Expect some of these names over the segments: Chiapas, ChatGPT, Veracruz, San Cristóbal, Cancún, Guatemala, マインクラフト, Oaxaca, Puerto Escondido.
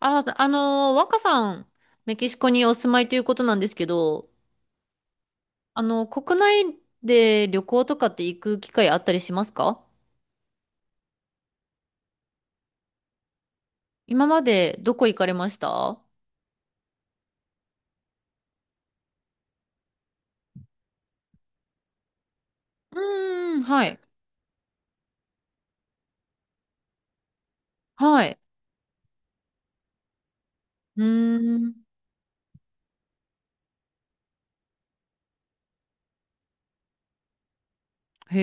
あ、若さん、メキシコにお住まいということなんですけど、国内で旅行とかって行く機会あったりしますか？今までどこ行かれました？うーん、はい。はい。うーん、へ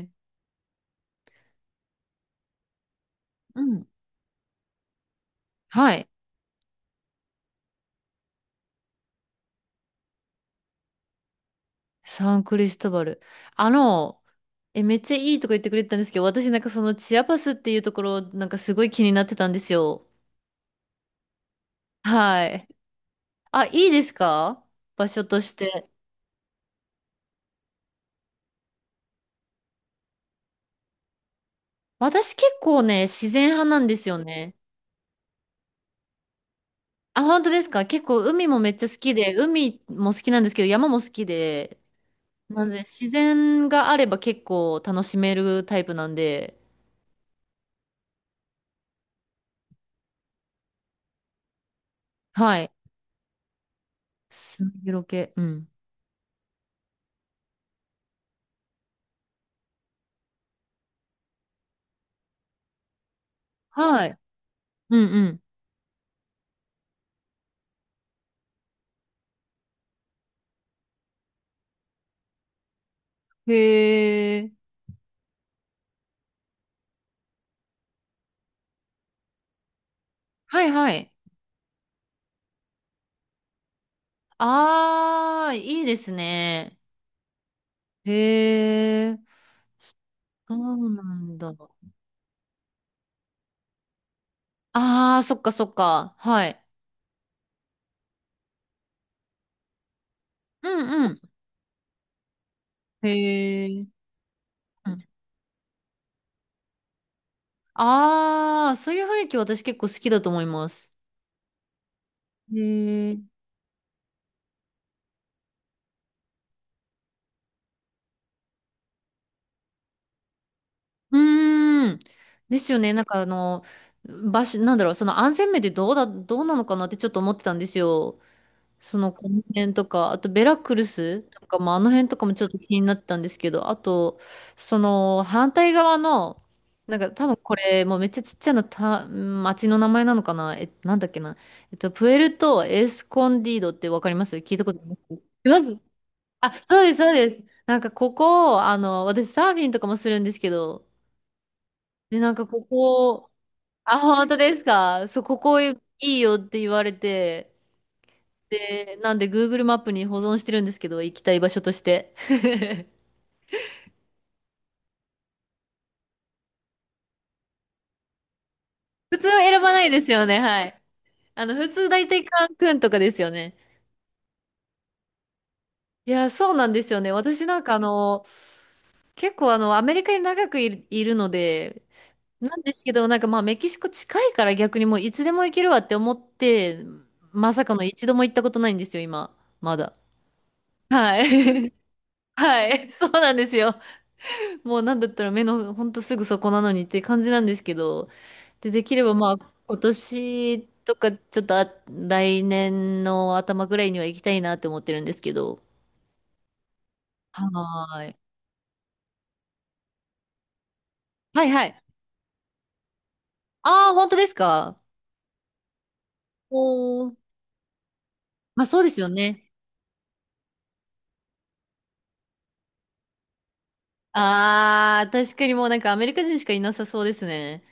ーうん。はい。サンクリストバル。あの、え、めっちゃいいとか言ってくれてたんですけど、私なんかそのチアパスっていうところ、なんかすごい気になってたんですよ。はい。あ、いいですか？場所として。私結構ね、自然派なんですよね。あ、本当ですか？結構海もめっちゃ好きで、海も好きなんですけど、山も好きで、なので自然があれば結構楽しめるタイプなんで、はい。スミゲロ系。うん。はい。うんうん。へえ。はいはい。ああ、いいですね。へえ。そうなんだ。ああ、そっかそっか。はい。うんうん。へえ。ああ、そういう雰囲気私結構好きだと思います。へえ。うーん。ですよね。なんか場所、なんだろう、その安全面でどうなのかなってちょっと思ってたんですよ。その、この辺とか、あとベラクルスとかも、あの辺とかもちょっと気になってたんですけど、あと、その、反対側の、なんか多分これ、もうめっちゃちっちゃな町の名前なのかな？え、なんだっけな。プエルト・エスコンディードってわかります？聞いたことあります？います。あ、そうです、そうです。なんかここ、私サーフィンとかもするんですけど、で、なんかここ、あ、本当ですか？そう、ここいいよって言われて、で、なんで Google マップに保存してるんですけど、行きたい場所として。普通は選ばないですよね、はい。普通大体カンクンとかですよね。いや、そうなんですよね。私なんか結構アメリカに長くいるので、なんですけど、なんかまあメキシコ近いから逆にもういつでも行けるわって思って、まさかの一度も行ったことないんですよ、今。まだ。はい。はい。そうなんですよ。もうなんだったら目のほんとすぐそこなのにって感じなんですけど。で、できればまあ今年とかちょっと来年の頭ぐらいには行きたいなって思ってるんですけど。はーい。はいはい。ああ、本当ですか？おー。まあそうですよね。あー、確かにもうなんかアメリカ人しかいなさそうですね。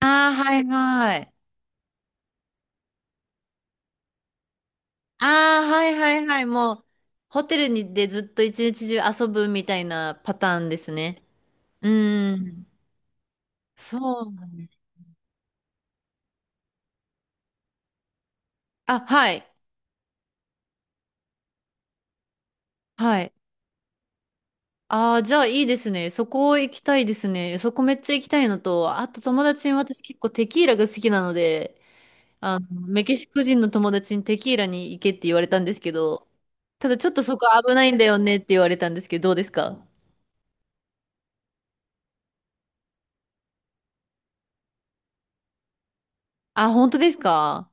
ああ、はいはい。あー、はいはいはい。もう、ホテルにでずっと一日中遊ぶみたいなパターンですね。うーん。そうだね。あ、はい。はい。ああ、じゃあいいですね。そこ行きたいですね。そこめっちゃ行きたいのと、あと友達に私結構テキーラが好きなので、メキシコ人の友達にテキーラに行けって言われたんですけど、ただちょっとそこ危ないんだよねって言われたんですけど、どうですか？あ、本当ですか？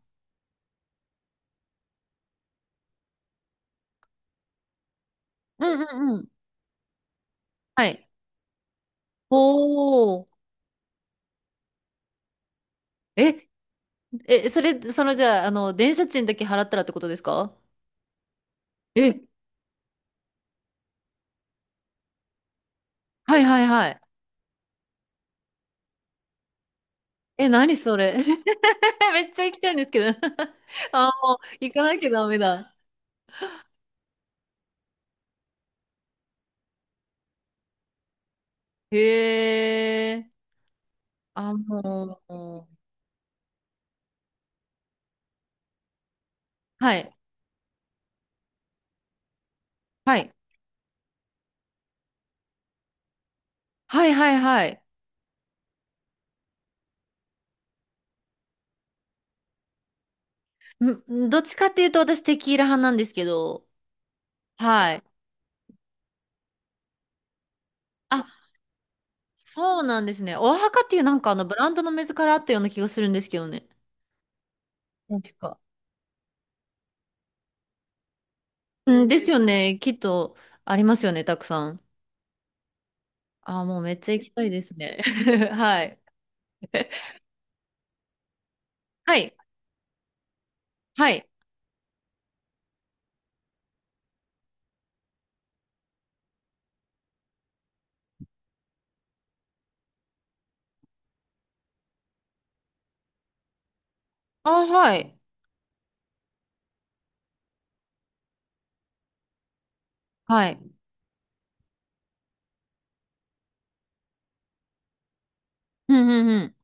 うんうんうん。はい。おー。え、え、それ、その、じゃあ、電車賃だけ払ったらってことですか？え、はいはいはい。え、何それ めっちゃ行きたいんですけど あ、もう、行かなきゃダメだ。へえ。あ、もう、はい。はい。はいはいはい。どっちかっていうと、私、テキーラ派なんですけど、はい。あ、そうなんですね。オアハカっていう、なんか、ブランドの水からあったような気がするんですけどね。確か。うん、ですよね。きっとありますよね、たくさん。ああ、もうめっちゃ行きたいですね。はい。はい。はい。ああ、はい。はい。うんうんうん。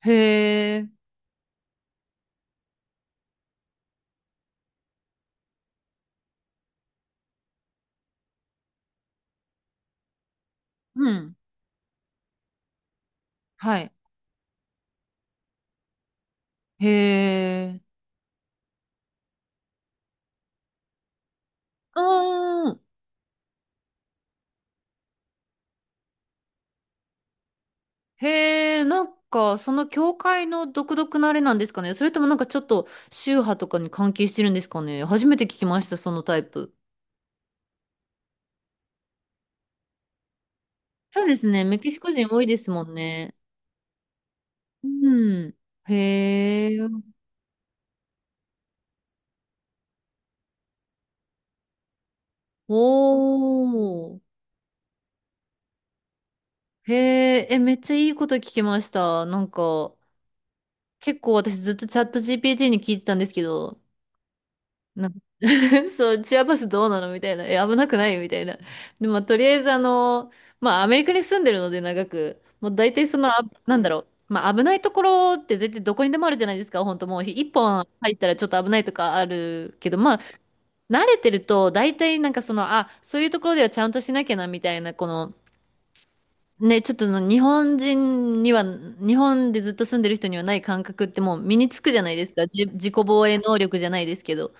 へえ。うん。はい。へえ。ああ。へえ、なんか、その教会の独特なあれなんですかね。それともなんかちょっと宗派とかに関係してるんですかね。初めて聞きました、そのタイプ。そうですね。メキシコ人多いですもんね。うん。へえ。おー。へえ、え、めっちゃいいこと聞きました。なんか、結構私ずっとチャット GPT に聞いてたんですけど、なんか そう、チアバスどうなのみたいな。え、危なくないみたいな。で、まあ、とりあえずまあ、アメリカに住んでるので長く、もう大体なんだろう。まあ、危ないところって絶対どこにでもあるじゃないですか。本当もう、一本入ったらちょっと危ないとかあるけど、まあ、慣れてると、大体なんかそういうところではちゃんとしなきゃな、みたいな、この、ね、ちょっとの日本人には、日本でずっと住んでる人にはない感覚ってもう身につくじゃないですか。自己防衛能力じゃないですけど。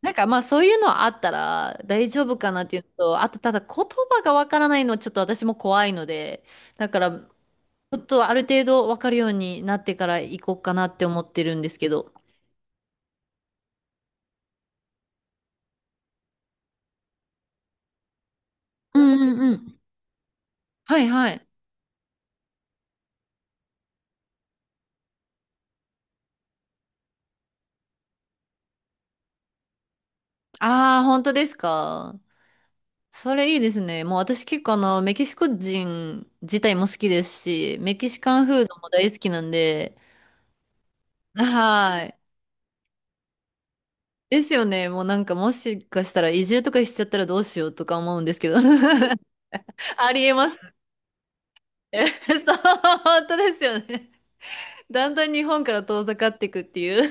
なんかまあそういうのはあったら大丈夫かなっていうのと、あとただ言葉がわからないのはちょっと私も怖いので、だからちょっとある程度わかるようになってから行こうかなって思ってるんですけど。うんうんうん。はいはい。ああ、本当ですか。それいいですね。もう私結構メキシコ人自体も好きですし、メキシカンフードも大好きなんで、はい。ですよね。もうなんかもしかしたら移住とかしちゃったらどうしようとか思うんですけど。ありえますね。そう、本当ですよね。だんだん日本から遠ざかっていくっていう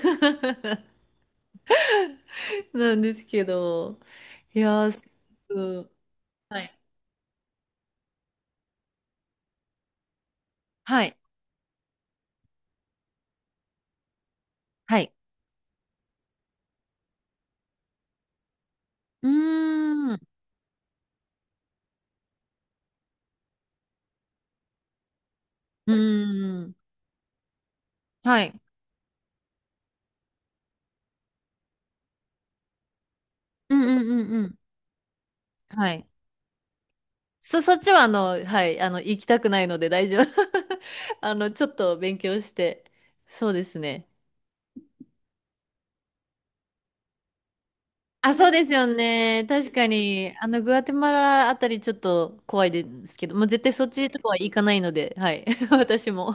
なんですけど。いやー、すごくはい。はい。はい。うーん。うーん。はい。うんうんうんうん。はい。そっちははい、行きたくないので大丈夫。ちょっと勉強して。そうですね。あ、そうですよね。確かに、グアテマラあたりちょっと怖いですけど、もう絶対そっちとかは行かないので、はい、私も。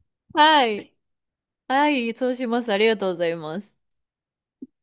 はい。はい、そうします。ありがとうございます。